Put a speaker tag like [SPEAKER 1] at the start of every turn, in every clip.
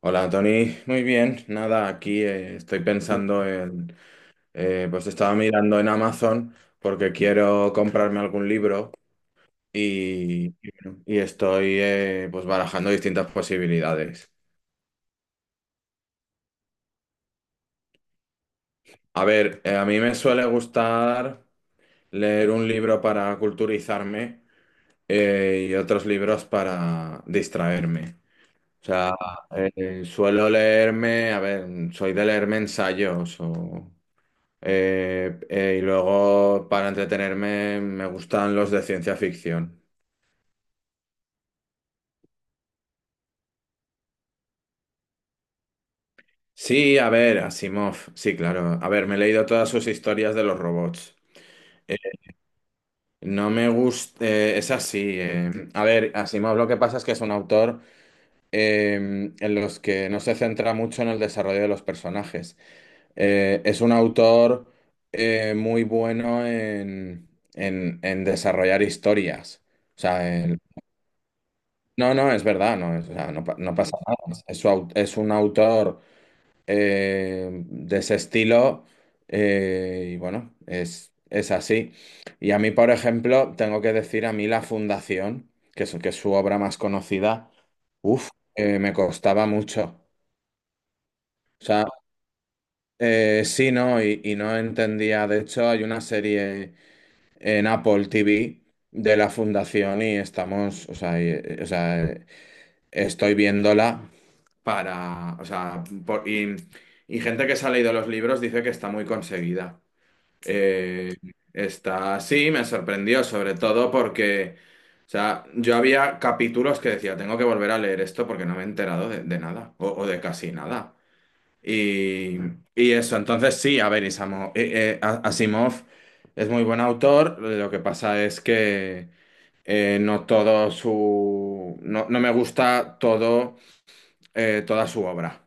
[SPEAKER 1] Hola, Tony. Muy bien. Nada, aquí estoy pensando en... Pues estaba mirando en Amazon porque quiero comprarme algún libro y bueno, y estoy pues barajando distintas posibilidades. A ver, a mí me suele gustar leer un libro para culturizarme, y otros libros para distraerme. O sea, suelo leerme, a ver, soy de leerme ensayos o... Y luego, para entretenerme, me gustan los de ciencia ficción. Sí, a ver, Asimov, sí, claro. A ver, me he leído todas sus historias de los robots. Eh, No me gusta, es así. A ver, Asimov lo que pasa es que es un autor en los que no se centra mucho en el desarrollo de los personajes. Es un autor muy bueno en, en desarrollar historias. O sea, no, no, es verdad, no, o sea, no, no pasa nada. Es un autor de ese estilo, y bueno, es así. Y a mí, por ejemplo, tengo que decir a mí La Fundación, que es su obra más conocida, uff, me costaba mucho. O sea, sí, no, y no entendía. De hecho, hay una serie en Apple TV de La Fundación y estamos, o sea, o sea, estoy viéndola. Para, o sea, y gente que se ha leído los libros dice que está muy conseguida. Eh, Está, sí, me sorprendió, sobre todo porque, o sea, yo había capítulos que decía, tengo que volver a leer esto porque no me he enterado de nada, o de casi nada. Y, y eso, entonces sí, a ver, Asimov es muy buen autor, lo que pasa es que no todo su, no, no me gusta todo, toda su obra.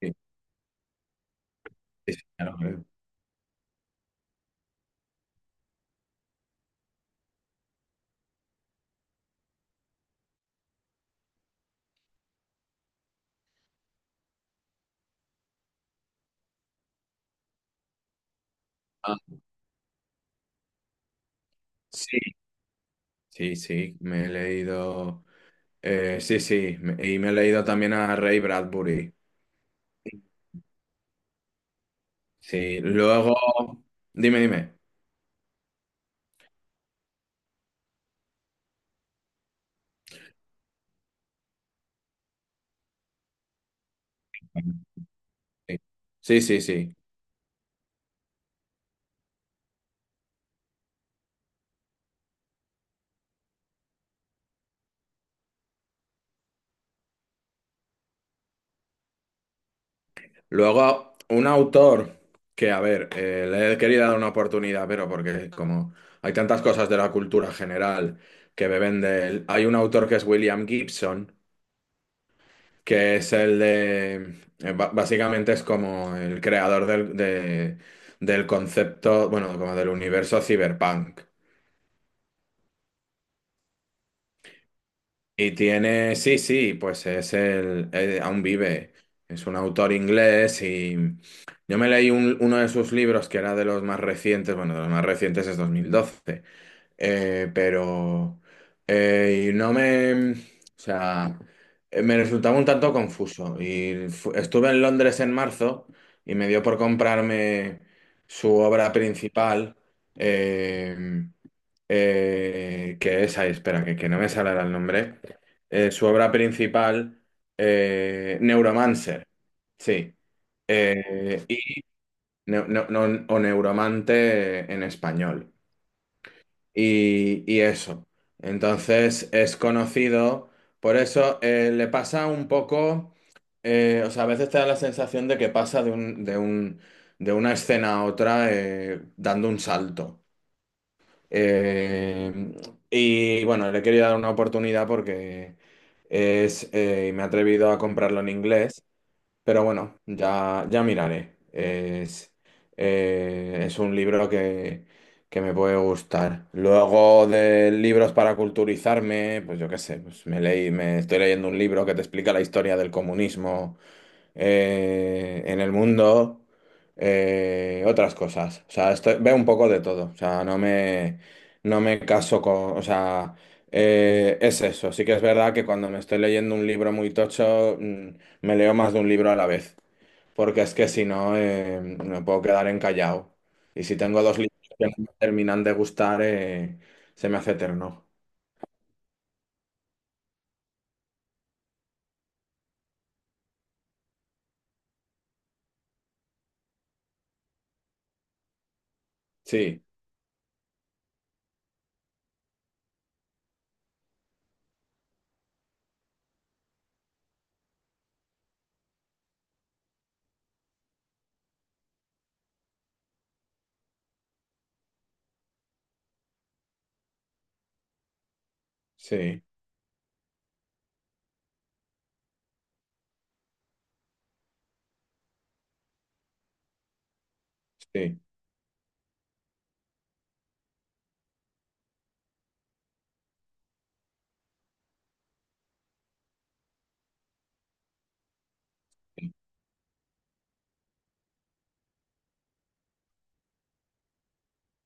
[SPEAKER 1] Sí. Sí, sí, ya lo creo. Ah, sí, sí, sí, me he leído. Sí, sí, y me he leído también a Ray Bradbury. Sí, luego. Dime, dime. Sí, sí, sí. Sí. Luego, un autor que, a ver, le he querido dar una oportunidad, pero porque como hay tantas cosas de la cultura general que beben de él, hay un autor que es William Gibson, que es el de, básicamente es como el creador del, del concepto, bueno, como del universo cyberpunk. Y tiene, sí, sí, pues es el, aún vive, es un autor inglés y yo me leí uno de sus libros que era de los más recientes, bueno, de los más recientes es 2012. Pero y no me, o sea, me resultaba un tanto confuso. Y estuve en Londres en marzo y me dio por comprarme su obra principal, eh, que es, ahí, espera, que no me sale ahora el nombre. Su obra principal, Neuromancer, sí. Y, o Neuromante en español, y eso. Entonces es conocido, por eso le pasa un poco, o sea, a veces te da la sensación de que pasa de una escena a otra, dando un salto. Eh, y bueno, le he querido dar una oportunidad porque es, y me he atrevido a comprarlo en inglés. Pero bueno, ya miraré. Es un libro que me puede gustar. Luego de libros para culturizarme, pues yo qué sé, pues me leí, me estoy leyendo un libro que te explica la historia del comunismo en el mundo, otras cosas. O sea, veo un poco de todo. O sea, no me caso con... O sea, es eso. Sí que es verdad que cuando me estoy leyendo un libro muy tocho, me leo más de un libro a la vez. Porque es que si no, me puedo quedar encallado. Y si tengo dos libros que no me terminan de gustar, se me hace eterno. Sí, sí, sí,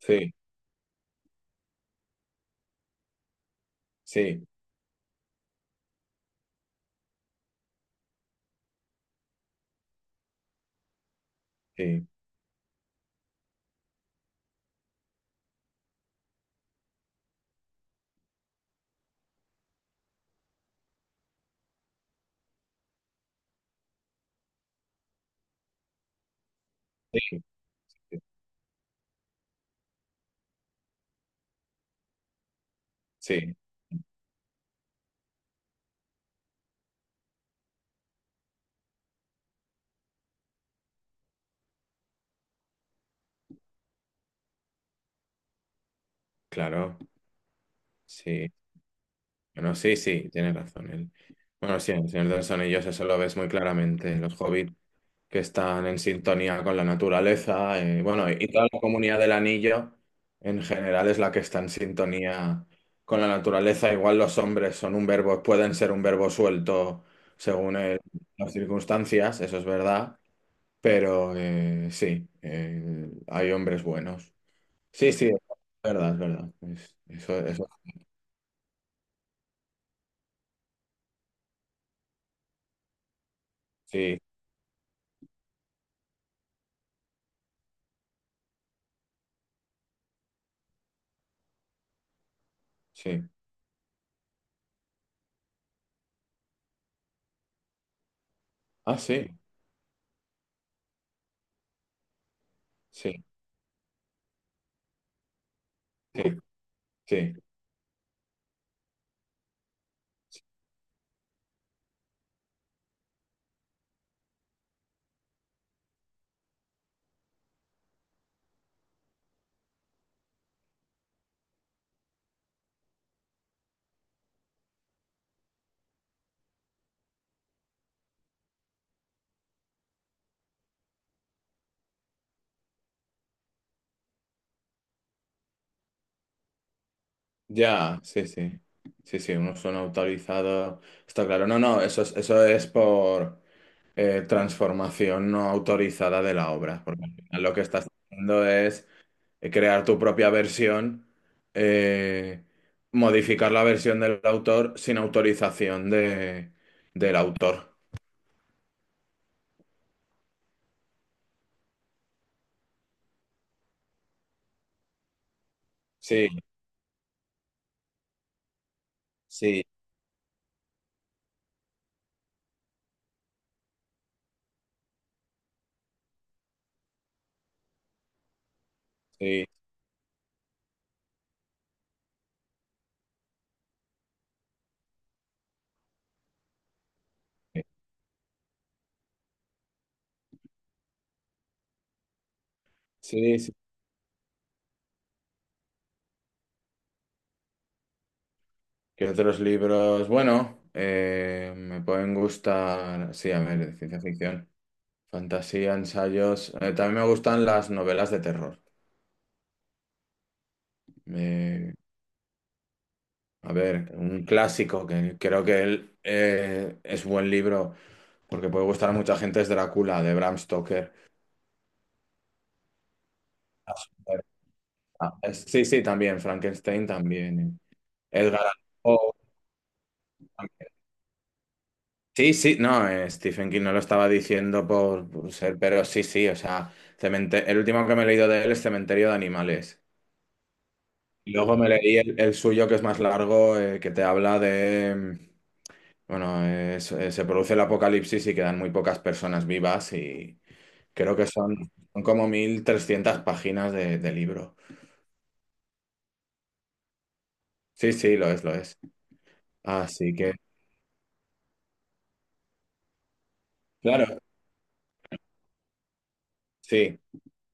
[SPEAKER 1] sí, sí, sí, sí, sí, sí, claro. Sí, bueno, sí, sí, tienes razón. El... Bueno, sí, el Señor de los Anillos eso lo ves muy claramente. Los hobbits que están en sintonía con la naturaleza, bueno, y toda la comunidad del anillo en general es la que está en sintonía con la naturaleza. Igual los hombres son un verbo, pueden ser un verbo suelto según las circunstancias, eso es verdad, pero sí, hay hombres buenos. Sí, sí, es verdad, es verdad. Eso, eso, sí, sí. Ah, sí. Sí, sí, sí. Ya, sí, sí. Sí, sí, unos son autorizados. Está claro. No, no, eso es por transformación no autorizada de la obra. Porque al final lo que estás haciendo es crear tu propia versión, eh, modificar la versión del autor sin autorización del autor. Sí, sí, sí, sí, sí, sí. ¿Qué otros libros? Bueno, me pueden gustar, sí, a ver, de ciencia ficción, fantasía, ensayos. También me gustan las novelas de terror. Eh, a ver, un clásico que creo que él, es buen libro porque puede gustar a mucha gente es Drácula de Bram Stoker. Ah, sí, sí, también, Frankenstein también. Edgar Allan Poe. Sí, sí, no, Stephen King no lo estaba diciendo por, ser, pero sí, sí, o sea, el último que me he leído de él es Cementerio de Animales. Y luego me leí el suyo, que es más largo, que te habla de, bueno, se produce el apocalipsis y quedan muy pocas personas vivas y creo que son, son como 1300 páginas de libro. Sí, sí, lo es, lo es. Así que, claro, sí.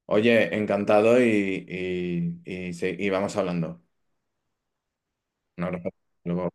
[SPEAKER 1] Oye, encantado y, sí, y vamos hablando. Un abrazo. Hasta luego.